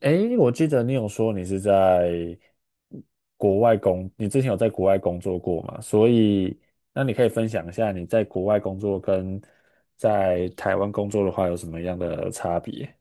诶，我记得你有说你是在国外工，你之前有在国外工作过嘛？所以，那你可以分享一下你在国外工作跟在台湾工作的话有什么样的差别？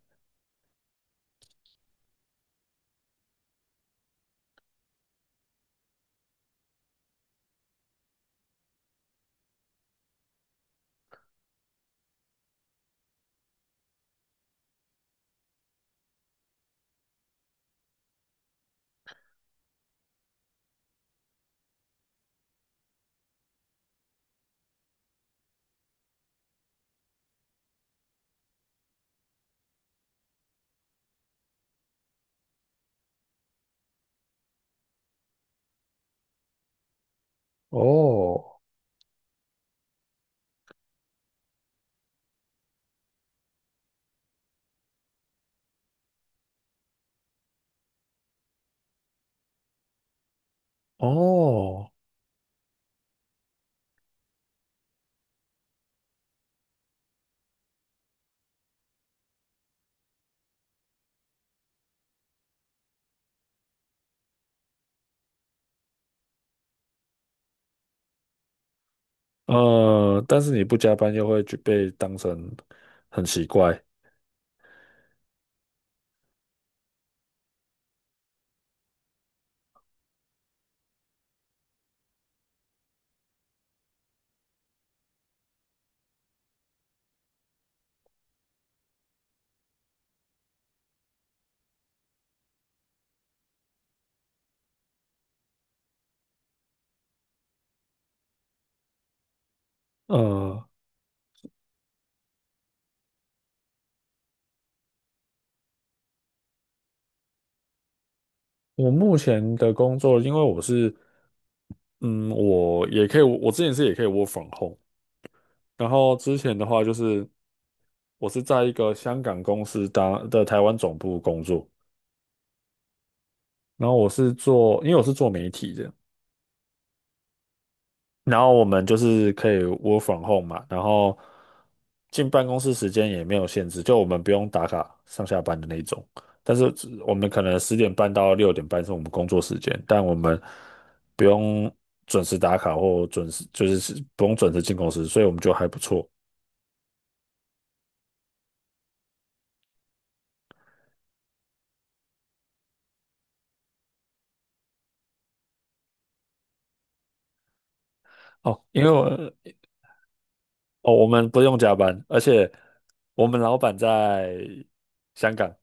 哦。哦。但是你不加班又会觉被当成很奇怪。呃，我目前的工作，因为我是，嗯，我之前是也可以 work from home，然后之前的话就是我是在一个香港公司当的台湾总部工作，然后我是做，因为我是做媒体的，然后我们就是可以 work from home 嘛，然后进办公室时间也没有限制，就我们不用打卡上下班的那种。但是只我们可能10点半到6点半是我们工作时间，但我们不用准时打卡或准时，就是不用准时进公司，所以我们就还不错。哦。因为我哦，我们不用加班，而且我们老板在香港。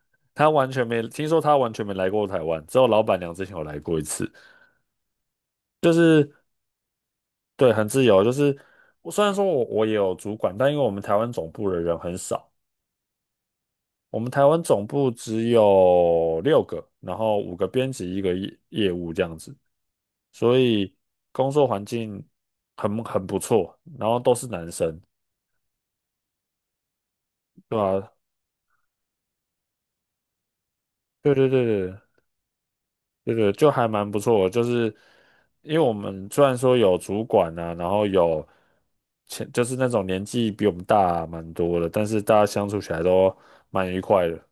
他完全没听说，他完全没来过台湾，只有老板娘之前有来过一次。是。对，很自由，就是我虽然说我也有主管，但因为我们台湾总部的人很少，我们台湾总部只有6个，然后五个编辑，一个业务这样子，所以工作环境很不错，然后都是男生，对吧？对对对对。对对，就还蛮不错的，就是因为我们虽然说有主管啊，然后有就是那种年纪比我们大蛮多的，但是大家相处起来都蛮愉快的。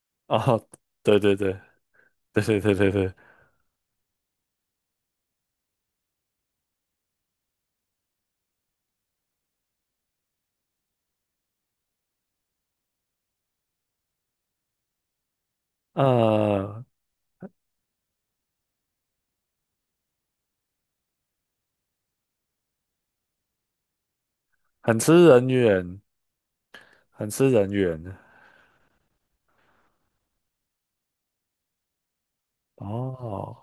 哦。对对对对对对对对。呃，很吃人缘。很吃人缘。哦。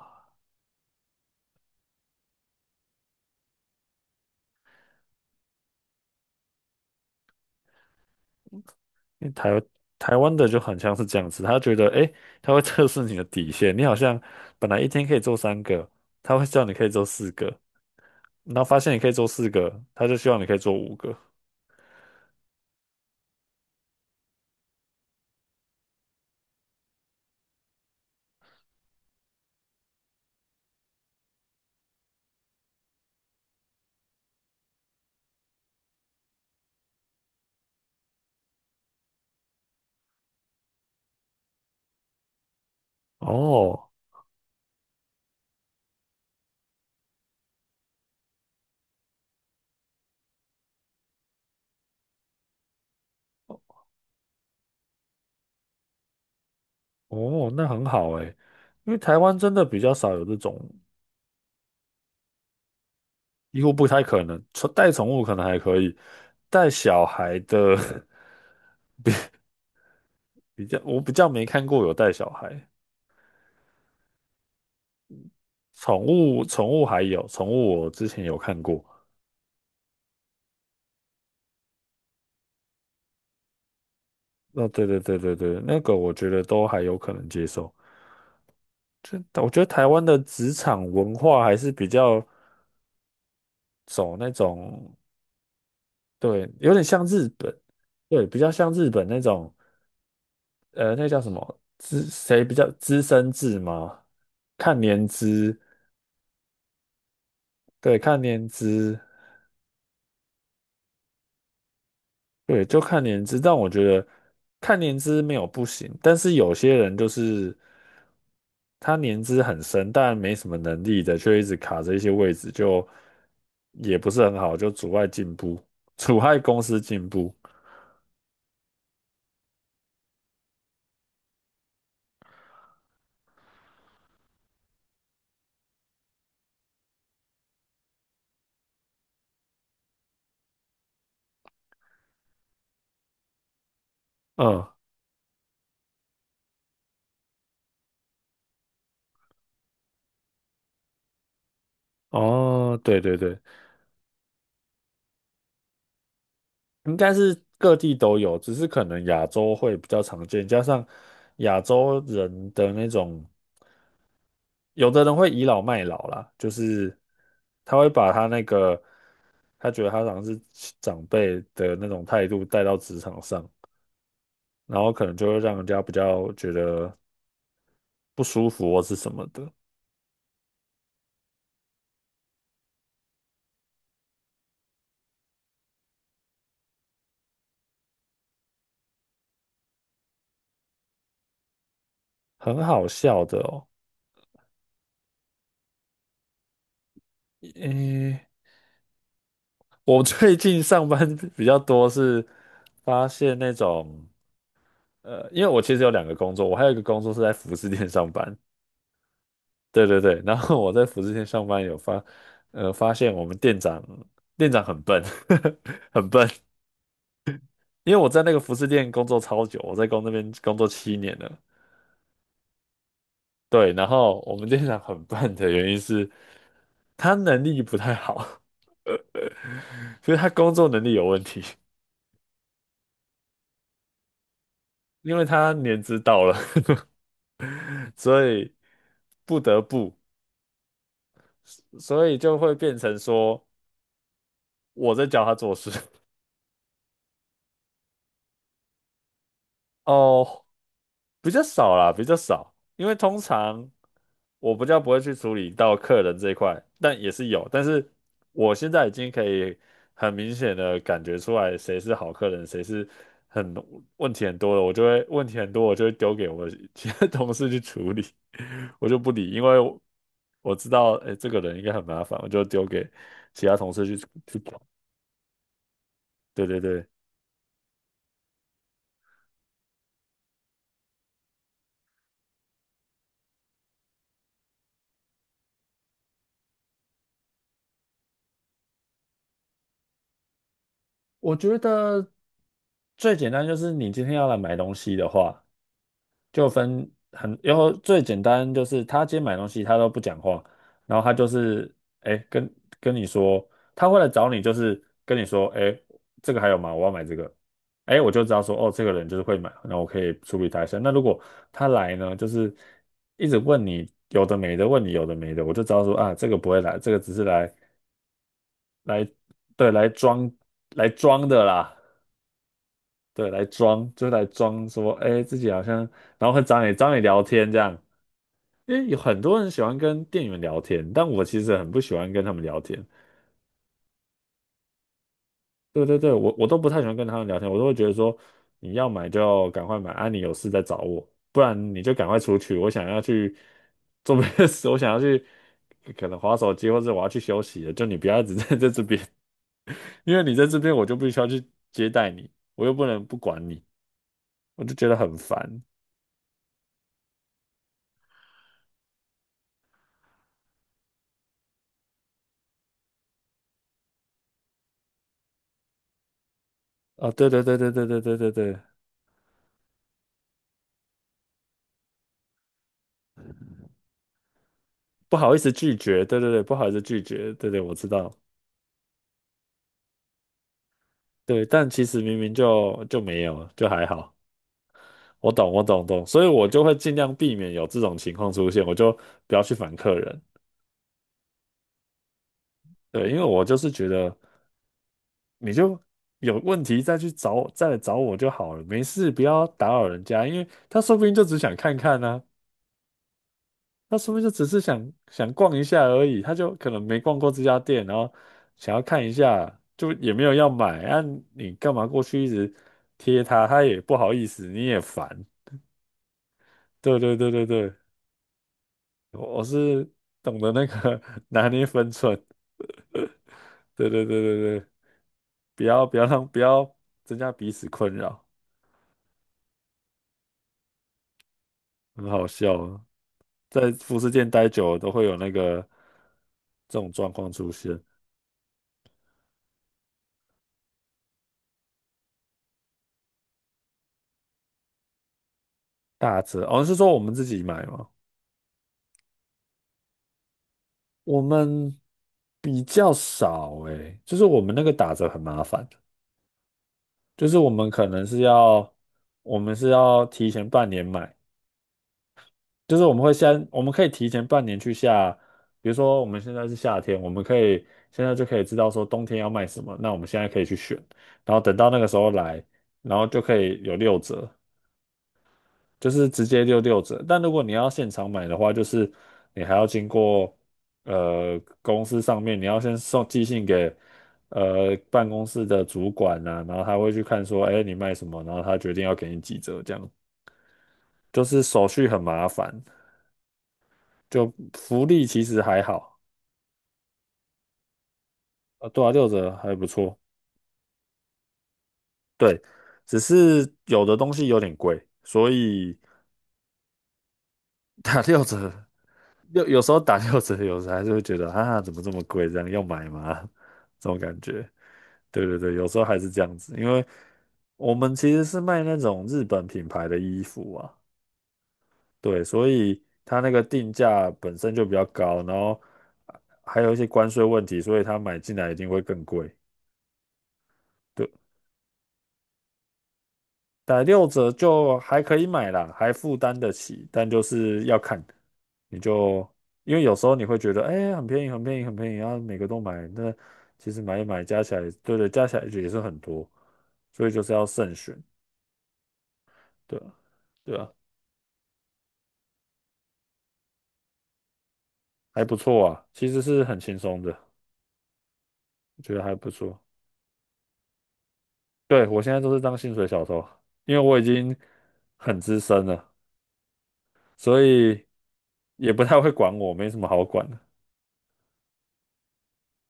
因为台湾的就很像是这样子，他觉得诶，他会测试你的底线，你好像本来一天可以做3个，他会叫你可以做四个，然后发现你可以做四个，他就希望你可以做五个。哦哦，那很好诶。因为台湾真的比较少有这种，几乎不太可能。带宠物可能还可以，带小孩的 我比较没看过有带小孩。宠物还有宠物，我之前有看过。哦。对对对对对，那个我觉得都还有可能接受。就我觉得台湾的职场文化还是比较走那种。对，有点像日本。对，比较像日本那种。那叫什么比较资深制吗？看年资。对，看年资。对，就看年资。但我觉得看年资没有不行，但是有些人就是他年资很深，但没什么能力的，却一直卡着一些位置，就也不是很好，就阻碍进步，阻碍公司进步。嗯。哦。对对对。应该是各地都有，只是可能亚洲会比较常见，加上亚洲人的那种，有的人会倚老卖老啦，就是他会把他那个他觉得他好像是长辈的那种态度带到职场上，然后可能就会让人家比较觉得不舒服或是什么的。很好笑的哦。诶，我最近上班比较多是发现那种。因为我其实有2个工作，我还有一个工作是在服饰店上班。对对对，然后我在服饰店上班发现我们店长很笨。很笨。因为我在那个服饰店工作超久，我在那边工作7年了。对，然后我们店长很笨的原因是，他能力不太好。呃，所以他工作能力有问题，因为他年资到了，所以不得不，所以就会变成说我在教他做事。哦。比较少啦，比较少，因为通常我比较不会去处理到客人这一块，但也是有，但是我现在已经可以很明显的感觉出来谁是好客人，谁是很问题很多的，我就会问题很多，我就会丢给我其他同事去处理。我就不理，因为我知道，哎，这个人应该很麻烦，我就丢给其他同事去搞。对对对，我觉得最简单就是你今天要来买东西的话，就分很，然后最简单就是他今天买东西他都不讲话，然后他就是哎跟你说，他会来找你就是跟你说哎这个还有吗？我要买这个，哎我就知道说哦这个人就是会买，那我可以处理他一下。那如果他来呢，就是一直问你有的没的，问你有的没的，我就知道说啊这个不会来，这个只是来，对，来装的啦。对，来装，就是来装说，哎，自己好像，然后会找你聊天这样，因为有很多人喜欢跟店员聊天，但我其实很不喜欢跟他们聊天。对对对，我都不太喜欢跟他们聊天，我都会觉得说，你要买就要赶快买，啊，你有事再找我，不然你就赶快出去，我想要去做别的事，我想要去可能划手机，或者我要去休息了，就你不要一直 在这边。因为你在这边我就必须要去接待你，我又不能不管你，我就觉得很烦。啊，对对对对对对对对对。不好意思拒绝，对对对。不好意思拒绝，对对，我知道。对，但其实明明就没有，就还好。我懂我懂懂，所以我就会尽量避免有这种情况出现，我就不要去烦客人。对，因为我就是觉得你就有问题再来找我就好了，没事，不要打扰人家，因为他说不定就只想看看呢、那说明就只是想想逛一下而已，他就可能没逛过这家店，然后想要看一下，就也没有要买啊，你干嘛过去一直贴他，他也不好意思，你也烦。对对对对对，我是懂得那个 拿捏分寸。对对对对对，不要增加彼此困扰。很好笑啊，在服饰店待久了都会有那个这种状况出现。打折哦，是说我们自己买吗？我们比较少诶，就是我们那个打折很麻烦，就是我们是要提前半年买，就是我们可以提前半年去下，比如说我们现在是夏天，我们可以现在就可以知道说冬天要卖什么，那我们现在可以去选，然后等到那个时候来，然后就可以有六折，就是直接六折。但如果你要现场买的话，就是你还要经过公司上面，你要先寄信给办公室的主管呐、然后他会去看说，哎，你卖什么，然后他决定要给你几折，这样就是手续很麻烦。就福利其实还好。对啊，六折还不错。对，只是有的东西有点贵，所以 打六折有时候打六折，有时候还是会觉得啊，怎么这么贵？这样要买吗？这种感觉。对，有时候还是这样子，因为我们其实是卖那种日本品牌的衣服啊。对，所以它那个定价本身就比较高，然后还有一些关税问题，所以它买进来一定会更贵。对，打六折就还可以买啦，还负担得起，但就是要看，你就因为有时候你会觉得，哎、很便宜，很便宜，很便宜，然后每个都买，那其实买一买加起来，对，加起来也是很多，所以就是要慎选。对啊，对啊，还不错啊，其实是很轻松的，我觉得还不错。对，我现在都是当薪水小偷，因为我已经很资深了，所以也不太会管我，没什么好管的。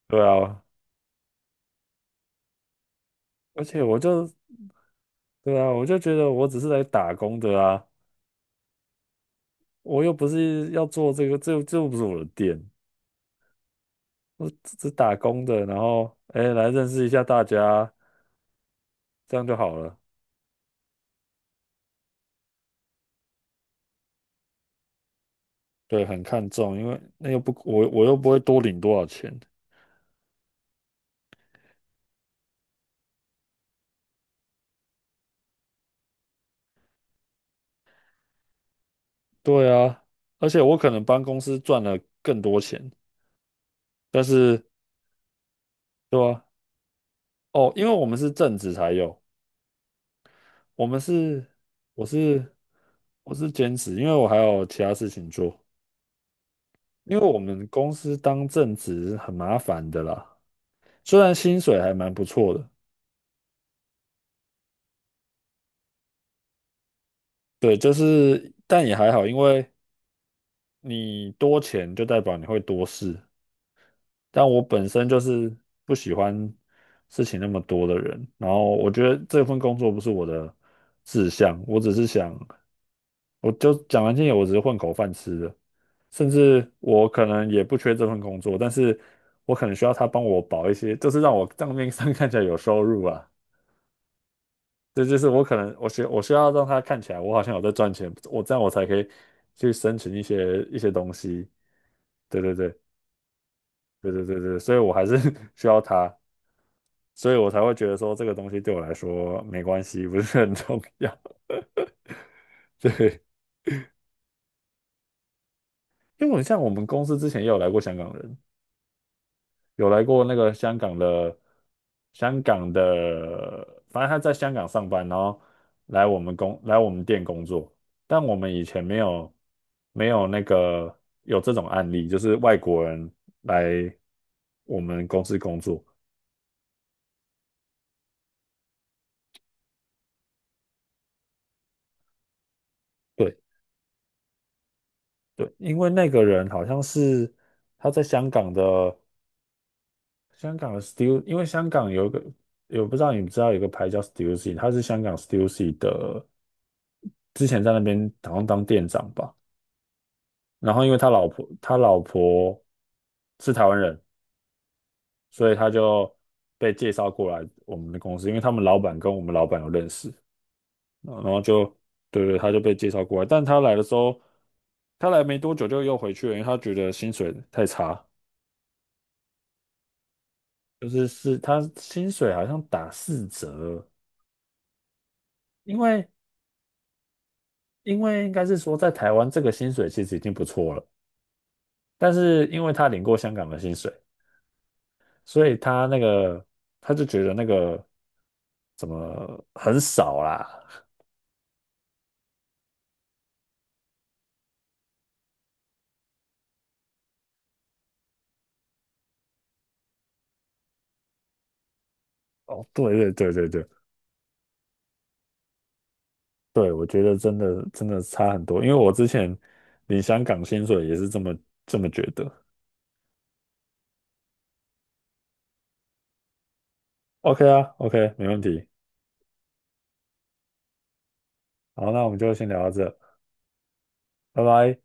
对啊，而且我就对啊，我就觉得我只是来打工的啊，我又不是要做这个，这又不是我的店，我只是打工的，然后哎来认识一下大家，这样就好了。对，很看重，因为那又不我又不会多领多少钱。对啊，而且我可能帮公司赚了更多钱，但是对啊。哦，因为我们是正职才有，我们是我是我是兼职，因为我还有其他事情做。因为我们公司当正职很麻烦的啦，虽然薪水还蛮不错的。对，就是但也还好，因为你多钱就代表你会多事，但我本身就是不喜欢事情那么多的人，然后我觉得这份工作不是我的志向。我只是想，我就讲完听点，我只是混口饭吃的，甚至我可能也不缺这份工作，但是我可能需要他帮我保一些，就是让我账面上 看起来有收入啊。这就是我可能我需要让他看起来我好像有在赚钱，我这样我才可以去申请一些东西。对对对对，所以我还是 需要他，所以我才会觉得说这个东西对我来说没关系，不是很重要。对，因为我像我们公司之前也有来过香港人，有来过那个香港的，香港的，反正他在香港上班，然后来我们店工作，但我们以前没有没有那个有这种案例，就是外国人来我们公司工作。对对，因为那个人好像是他在香港的香港的 Stu，因为香港有一个，我不知道你知道有个牌叫 Stussy，他是香港 Stussy 的，之前在那边好像当店长吧。然后因为他老婆是台湾人，所以他就被介绍过来我们的公司，因为他们老板跟我们老板有认识，然后就对对，他就被介绍过来。但他来的时候，他来没多久就又回去了，因为他觉得薪水太差，就是他薪水好像打四折，因为因为应该是说在台湾这个薪水其实已经不错了，但是因为他领过香港的薪水，所以他那个他就觉得那个很少啦。哦，对，我觉得真的差很多，因为我之前领香港薪水也是这么觉得。OK 啊，OK，没问题。好，那我们就先聊到这，拜拜。